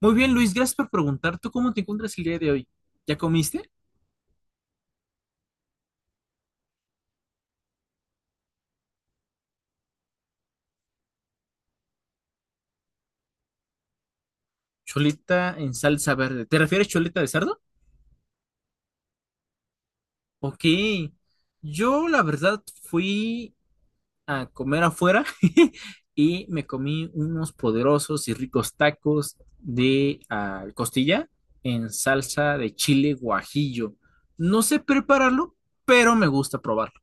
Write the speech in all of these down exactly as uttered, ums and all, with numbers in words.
Muy bien, Luis, gracias por preguntar. ¿Tú cómo te encuentras el día de hoy? ¿Ya comiste? Choleta en salsa verde. ¿Te refieres choleta de cerdo? Ok. Yo, la verdad, fui a comer afuera y me comí unos poderosos y ricos tacos de ah, costilla en salsa de chile guajillo. No sé prepararlo, pero me gusta probarlo.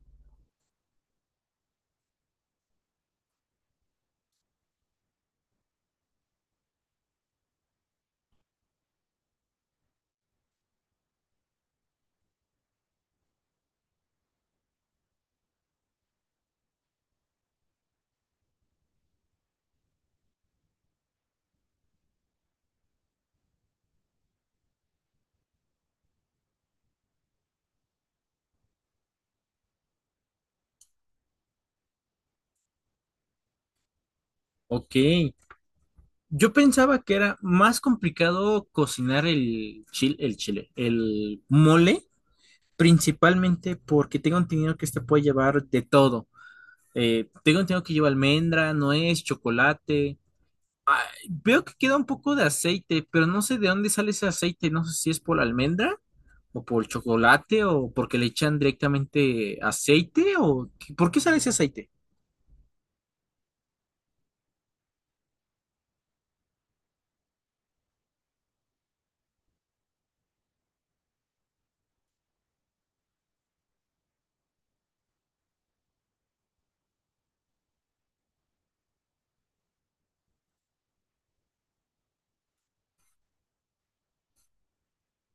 Ok. Yo pensaba que era más complicado cocinar el chile, el chile, el mole. Principalmente porque tengo entendido que este puede llevar de todo. Eh, tengo entendido que lleva almendra, nuez, chocolate. Ah, veo que queda un poco de aceite, pero no sé de dónde sale ese aceite. No sé si es por la almendra o por el chocolate o porque le echan directamente aceite o qué- por qué sale ese aceite.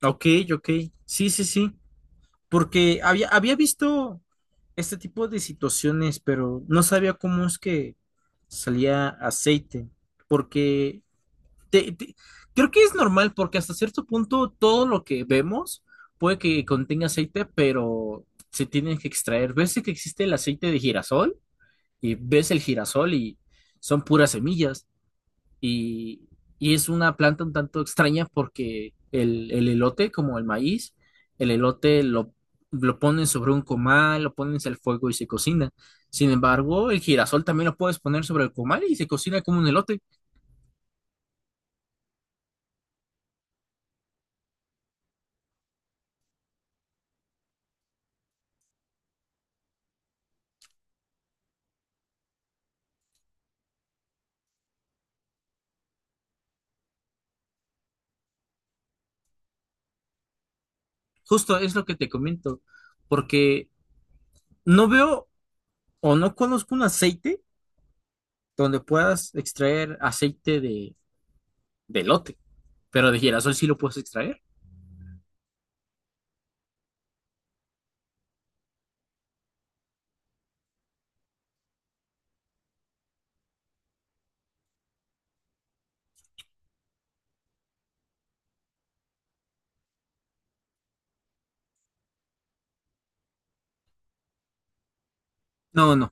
Ok, ok. Sí, sí, sí. Porque había, había visto este tipo de situaciones, pero no sabía cómo es que salía aceite. Porque te, te- creo que es normal porque hasta cierto punto todo lo que vemos puede que contenga aceite, pero se tienen que extraer. Ves que existe el aceite de girasol y ves el girasol y son puras semillas y, y es una planta un tanto extraña porque el, el elote, como el maíz, el elote lo, lo ponen sobre un comal, lo pones al fuego y se cocina. Sin embargo, el girasol también lo puedes poner sobre el comal y se cocina como un elote. Justo es lo que te comento, porque no veo o no conozco un aceite donde puedas extraer aceite de, de elote, pero de girasol sí lo puedes extraer. No, no.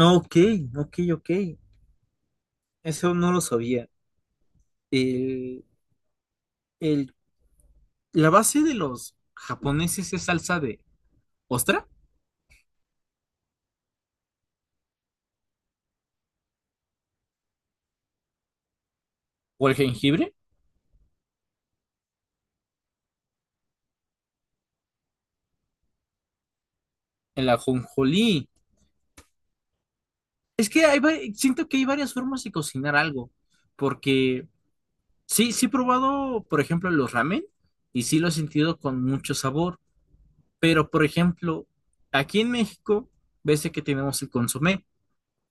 Ok, ok, ok. Eso no lo sabía. El, el- la base de los japoneses es salsa de ostra o el jengibre, el ajonjolí. Es que hay, va- siento que hay varias formas de cocinar algo, porque sí, sí he probado, por ejemplo, los ramen y sí lo he sentido con mucho sabor, pero por ejemplo, aquí en México, ves que tenemos el consomé.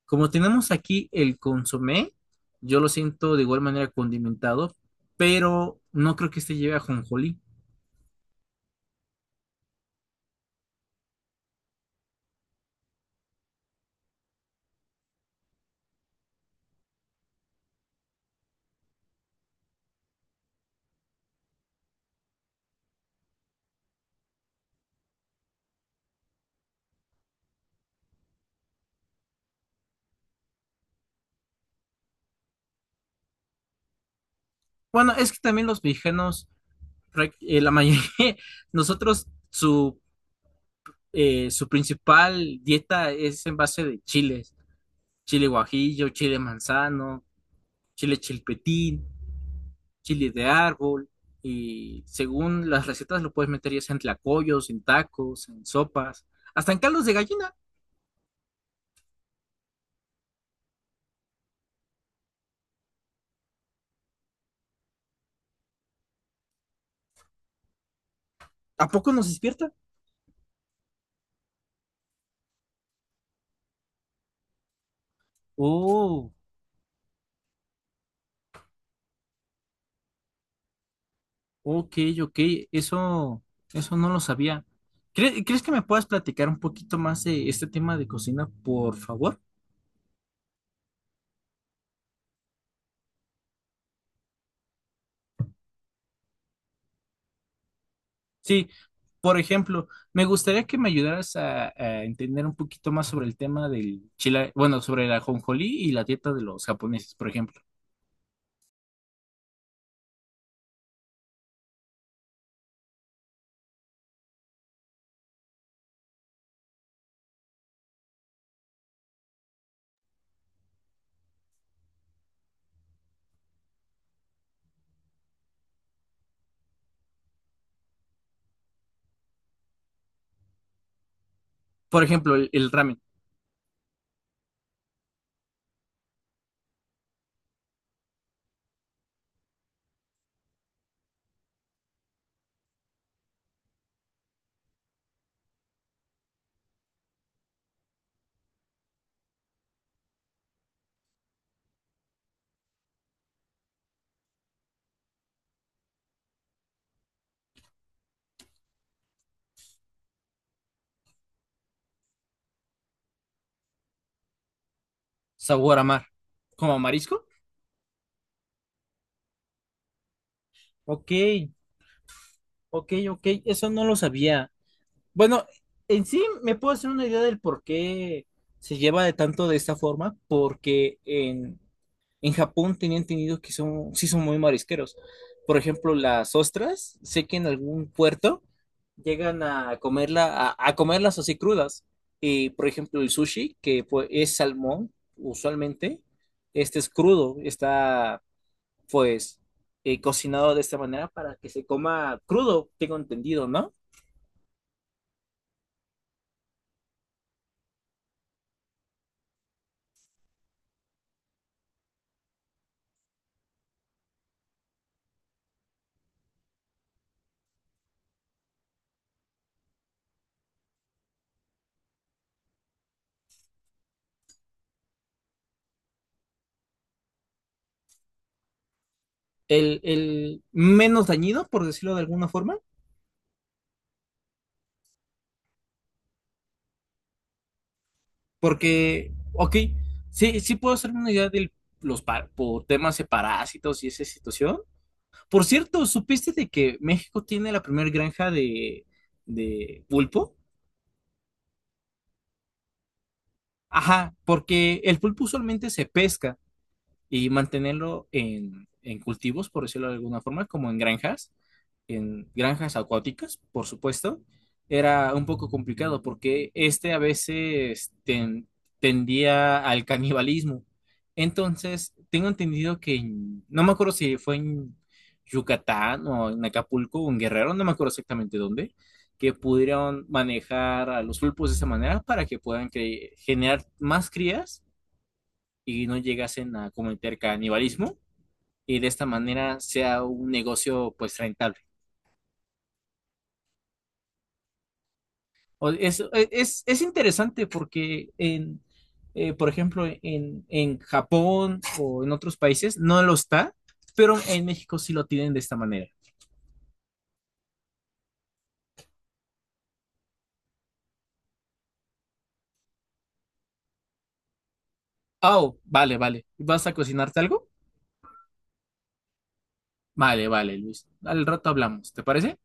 Como tenemos aquí el consomé, yo lo siento de igual manera condimentado, pero no creo que este lleve ajonjolí. Bueno, es que también los mexicanos, prac- eh, la mayoría, nosotros su, eh, su principal dieta es en base de chiles, chile guajillo, chile manzano, chile chilpetín, chiles de árbol, y según las recetas lo puedes meter ya sea en tlacoyos, en tacos, en sopas, hasta en caldos de gallina. ¿A poco nos despierta? Oh, ok, ok, eso, eso no lo sabía. ¿Cre- ¿Crees que me puedas platicar un poquito más de este tema de cocina, por favor? Sí, por ejemplo, me gustaría que me ayudaras a, a entender un poquito más sobre el tema del chile, bueno, sobre la ajonjolí y la dieta de los japoneses, por ejemplo. Por ejemplo, el, el ramen. Sabor a mar. ¿Como marisco? Ok, ok, ok, eso no lo sabía. Bueno, en sí me puedo hacer una idea del por qué se lleva de tanto de esta forma, porque en, en Japón tenían entendido que son, sí son muy marisqueros. Por ejemplo, las ostras, sé que en algún puerto llegan a comerla, a, a comerlas así crudas. Y por ejemplo, el sushi, que pues, es salmón, usualmente, este es crudo, está pues eh, cocinado de esta manera para que se coma crudo, tengo entendido, ¿no? El, el menos dañino, por decirlo de alguna forma, porque, ok, sí, sí puedo hacerme una idea de los pa- por temas de parásitos y esa situación. Por cierto, ¿supiste de que México tiene la primera granja de, de pulpo? Ajá, porque el pulpo usualmente se pesca y mantenerlo en, en cultivos, por decirlo de alguna forma, como en granjas, en granjas acuáticas, por supuesto, era un poco complicado porque este a veces ten- tendía al canibalismo. Entonces, tengo entendido que, en- no me acuerdo si fue en Yucatán o en Acapulco o en Guerrero, no me acuerdo exactamente dónde, que pudieron manejar a los pulpos de esa manera para que puedan cre- generar más crías y no llegasen a cometer canibalismo y de esta manera sea un negocio pues rentable. O- Es, e, es, es interesante porque en, eh, por ejemplo, en, en Japón o en otros países no lo está, pero en México sí lo tienen de esta manera. Oh, vale, vale. ¿Vas a cocinarte algo? Vale, vale, Luis. Al rato hablamos, ¿te parece?